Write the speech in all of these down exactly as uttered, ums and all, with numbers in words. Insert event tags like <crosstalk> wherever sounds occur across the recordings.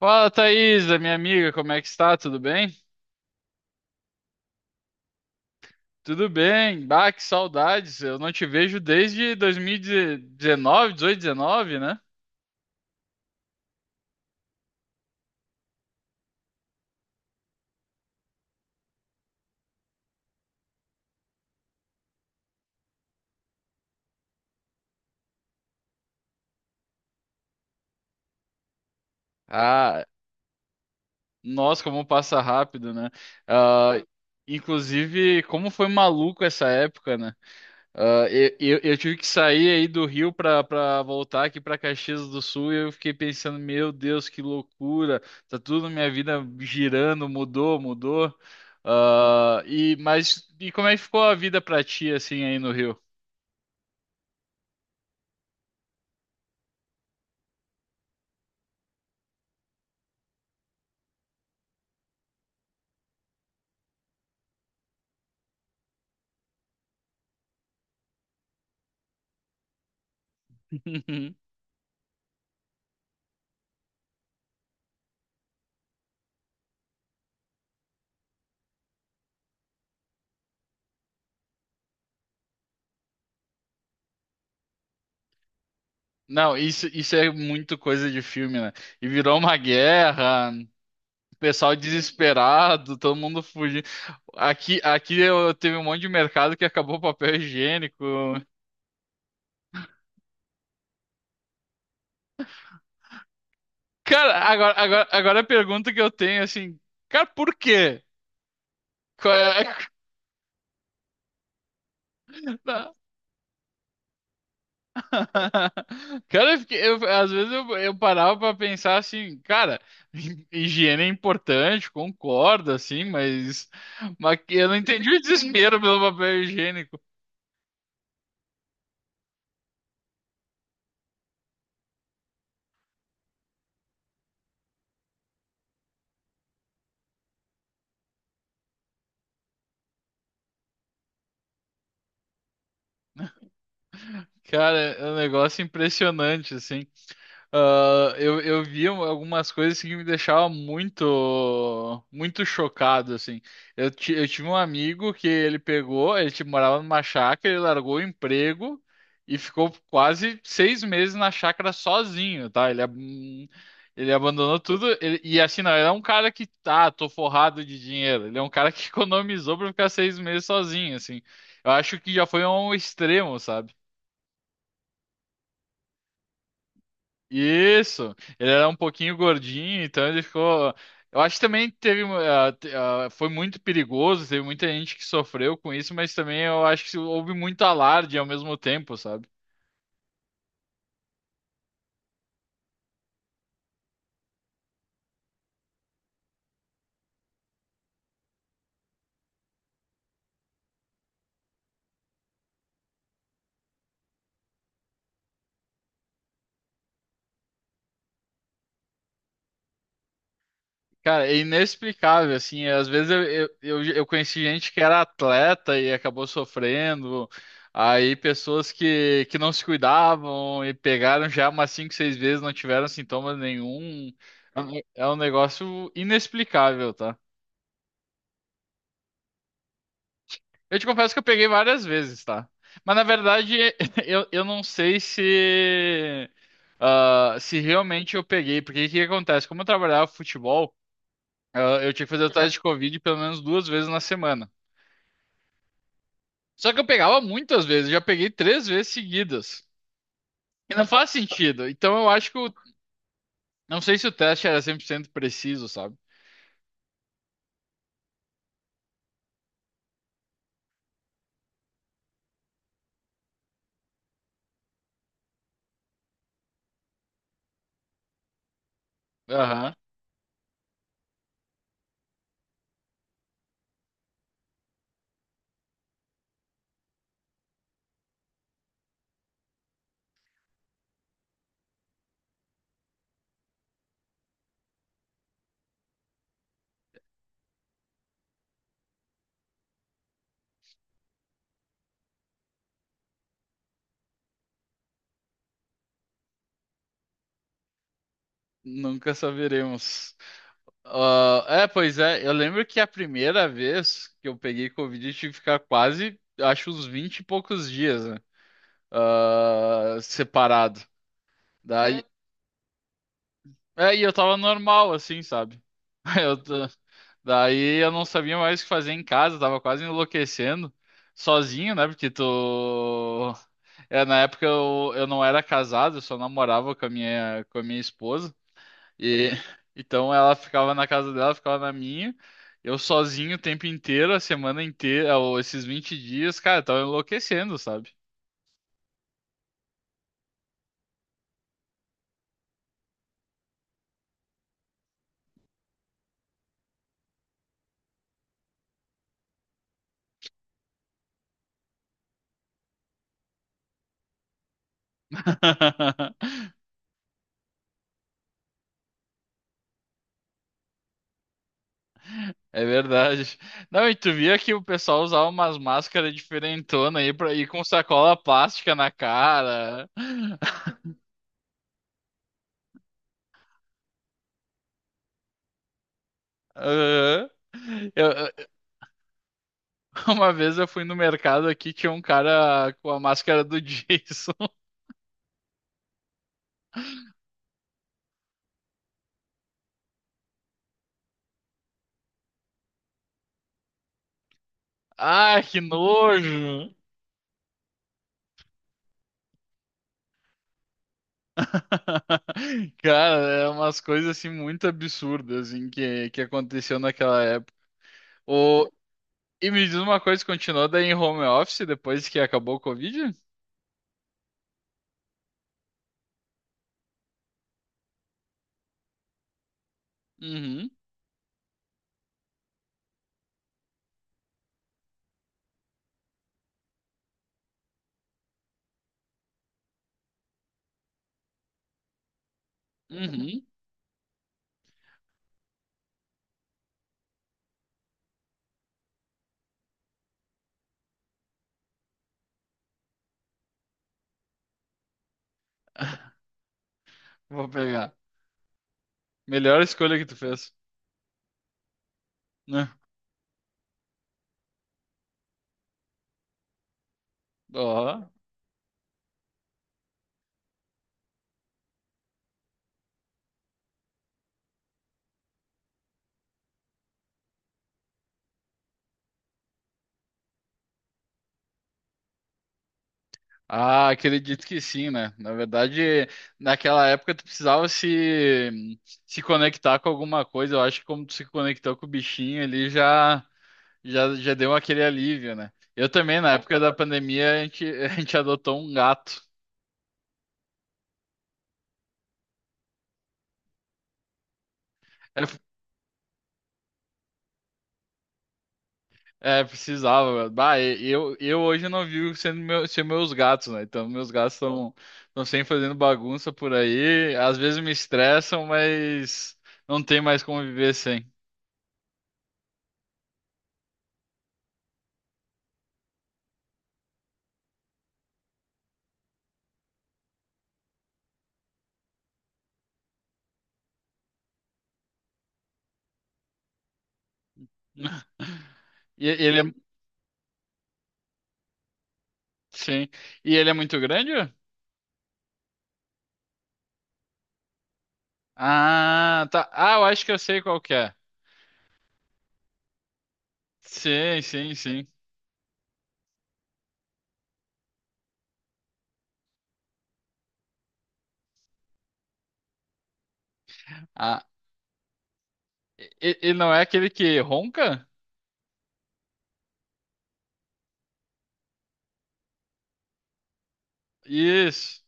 Fala, Thaisa, minha amiga, como é que está? Tudo bem? Tudo bem. Bah, que saudades. Eu não te vejo desde dois mil e dezenove, dezoito, dezenove, né? Ah, nossa, como passa rápido, né? Ah, inclusive, como foi maluco essa época, né? Ah, eu, eu- eu tive que sair aí do Rio pra pra voltar aqui pra Caxias do Sul e eu fiquei pensando, meu Deus, que loucura! Tá tudo na minha vida girando, mudou, mudou. Ah, e mas e como é que ficou a vida pra ti assim aí no Rio? <laughs> Não, isso, isso é muito coisa de filme, né? E virou uma guerra, o pessoal desesperado, todo mundo fugindo. Aqui, aqui eu, teve um monte de mercado que acabou o papel higiênico. Cara, agora, agora, agora a pergunta que eu tenho, assim, cara, por quê? Qual é- a- <laughs> Cara, eu fiquei- eu- às vezes eu, eu parava pra pensar assim, cara, <laughs> higiene é importante, concordo, assim, mas, mas que eu não entendi o desespero pelo papel higiênico. Cara, é um negócio impressionante, assim. Ah, eu, eu vi um, algumas coisas assim, que me deixavam muito, muito chocado, assim. Eu, ti- eu tive um amigo que ele pegou, ele tipo, morava numa chácara, ele largou o emprego e ficou quase seis meses na chácara sozinho, tá? Ele, ab- ele abandonou tudo. ele- e assim, não, ele é um cara que tá, tô forrado de dinheiro. Ele é um cara que <laughs> economizou pra ficar seis meses sozinho, assim. Eu acho que já foi um extremo, sabe? Isso, ele era um pouquinho gordinho, então ele ficou. Eu acho que também teve. ah, te- ah, foi muito perigoso, teve muita gente que sofreu com isso, mas também eu acho que houve muito alarde ao mesmo tempo, sabe? Cara, é inexplicável, assim. Às vezes eu, eu, eu, eu conheci gente que era atleta e acabou sofrendo, aí pessoas que, que não se cuidavam e pegaram já umas cinco, seis vezes, não tiveram sintomas nenhum. É um é um negócio inexplicável, tá? Eu te confesso que eu peguei várias vezes, tá? Mas na verdade, <laughs> eu, eu não sei se, ah, se realmente eu peguei, porque o que que acontece? Como eu trabalhava futebol, ah, eu tinha que fazer o teste de Covid pelo menos duas vezes na semana. Só que eu pegava muitas vezes, eu já peguei três vezes seguidas. E não faz sentido. Então eu acho que o, não sei se o teste era cem por cento preciso, sabe? Aham, nunca saberemos. Ah, é, pois é. Eu lembro que a primeira vez que eu peguei Covid, eu tive que ficar quase, acho, uns vinte e poucos dias, né? Ah, separado. Hum. Daí, é, e eu tava normal, assim, sabe? <laughs> Eu t- daí eu não sabia mais o que fazer em casa, tava quase enlouquecendo, sozinho, né? Porque tu. É, na época eu, eu não era casado, eu só namorava com a minha, com a minha esposa. E então ela ficava na casa dela, ficava na minha. Eu sozinho o tempo inteiro, a semana inteira, ou esses vinte dias, cara, eu tava enlouquecendo, sabe? <laughs> É verdade. Não, e tu via que o pessoal usava umas máscaras diferentonas aí pra ir com sacola plástica na cara. <laughs> Aham. Eu- eu- <laughs> uma vez eu fui no mercado aqui, tinha um cara com a máscara do Jason. <laughs> Ai, que nojo! <laughs> Cara, é umas coisas assim muito absurdas assim, que, que aconteceu naquela época. O, e me diz uma coisa, continuou daí em home office depois que acabou o Covid? Uhum, uhum. <laughs> Vou pegar. Melhor escolha que tu fez, né? Ó. Ah, acredito que sim, né? Na verdade, naquela época tu precisava se, se conectar com alguma coisa. Eu acho que como tu se conectou com o bichinho ali já. Já, já deu aquele alívio, né? Eu também, na época da pandemia, a gente, <laughs> a gente adotou um gato. É, é, precisava. Bah, e- eu, eu hoje não vivo sendo meu, ser meus gatos, né? Então, meus gatos estão sempre fazendo bagunça por aí. Às vezes me estressam, mas não tem mais como viver sem. <laughs> E ele é, sim. E ele é muito grande? Ah, tá. Ah, eu acho que eu sei qual que é. Sim, sim, sim. Ah, e- e- ele não é aquele que ronca? Isso.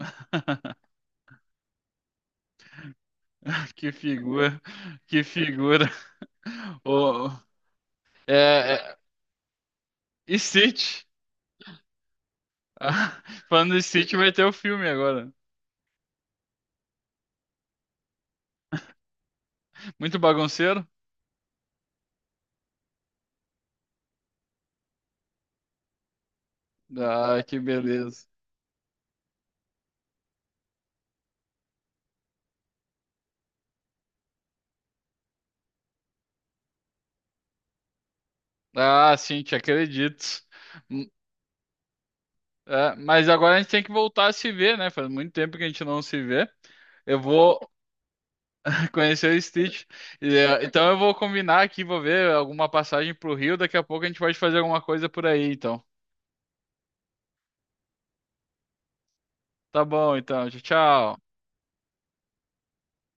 <laughs> Que figura, que figura. Ô, é, é, e Stitch. <laughs> Ah, falando em Stitch, vai ter o filme agora. Muito bagunceiro? Ah, que beleza. Ah, sim, te acredito. Hum, é, mas agora a gente tem que voltar a se ver, né? Faz muito tempo que a gente não se vê. Eu vou <laughs> conhecer o Stitch. E, é, então eu vou combinar aqui, vou ver alguma passagem pro Rio. Daqui a pouco a gente pode fazer alguma coisa por aí, então. Tá bom, então. Tchau, tchau.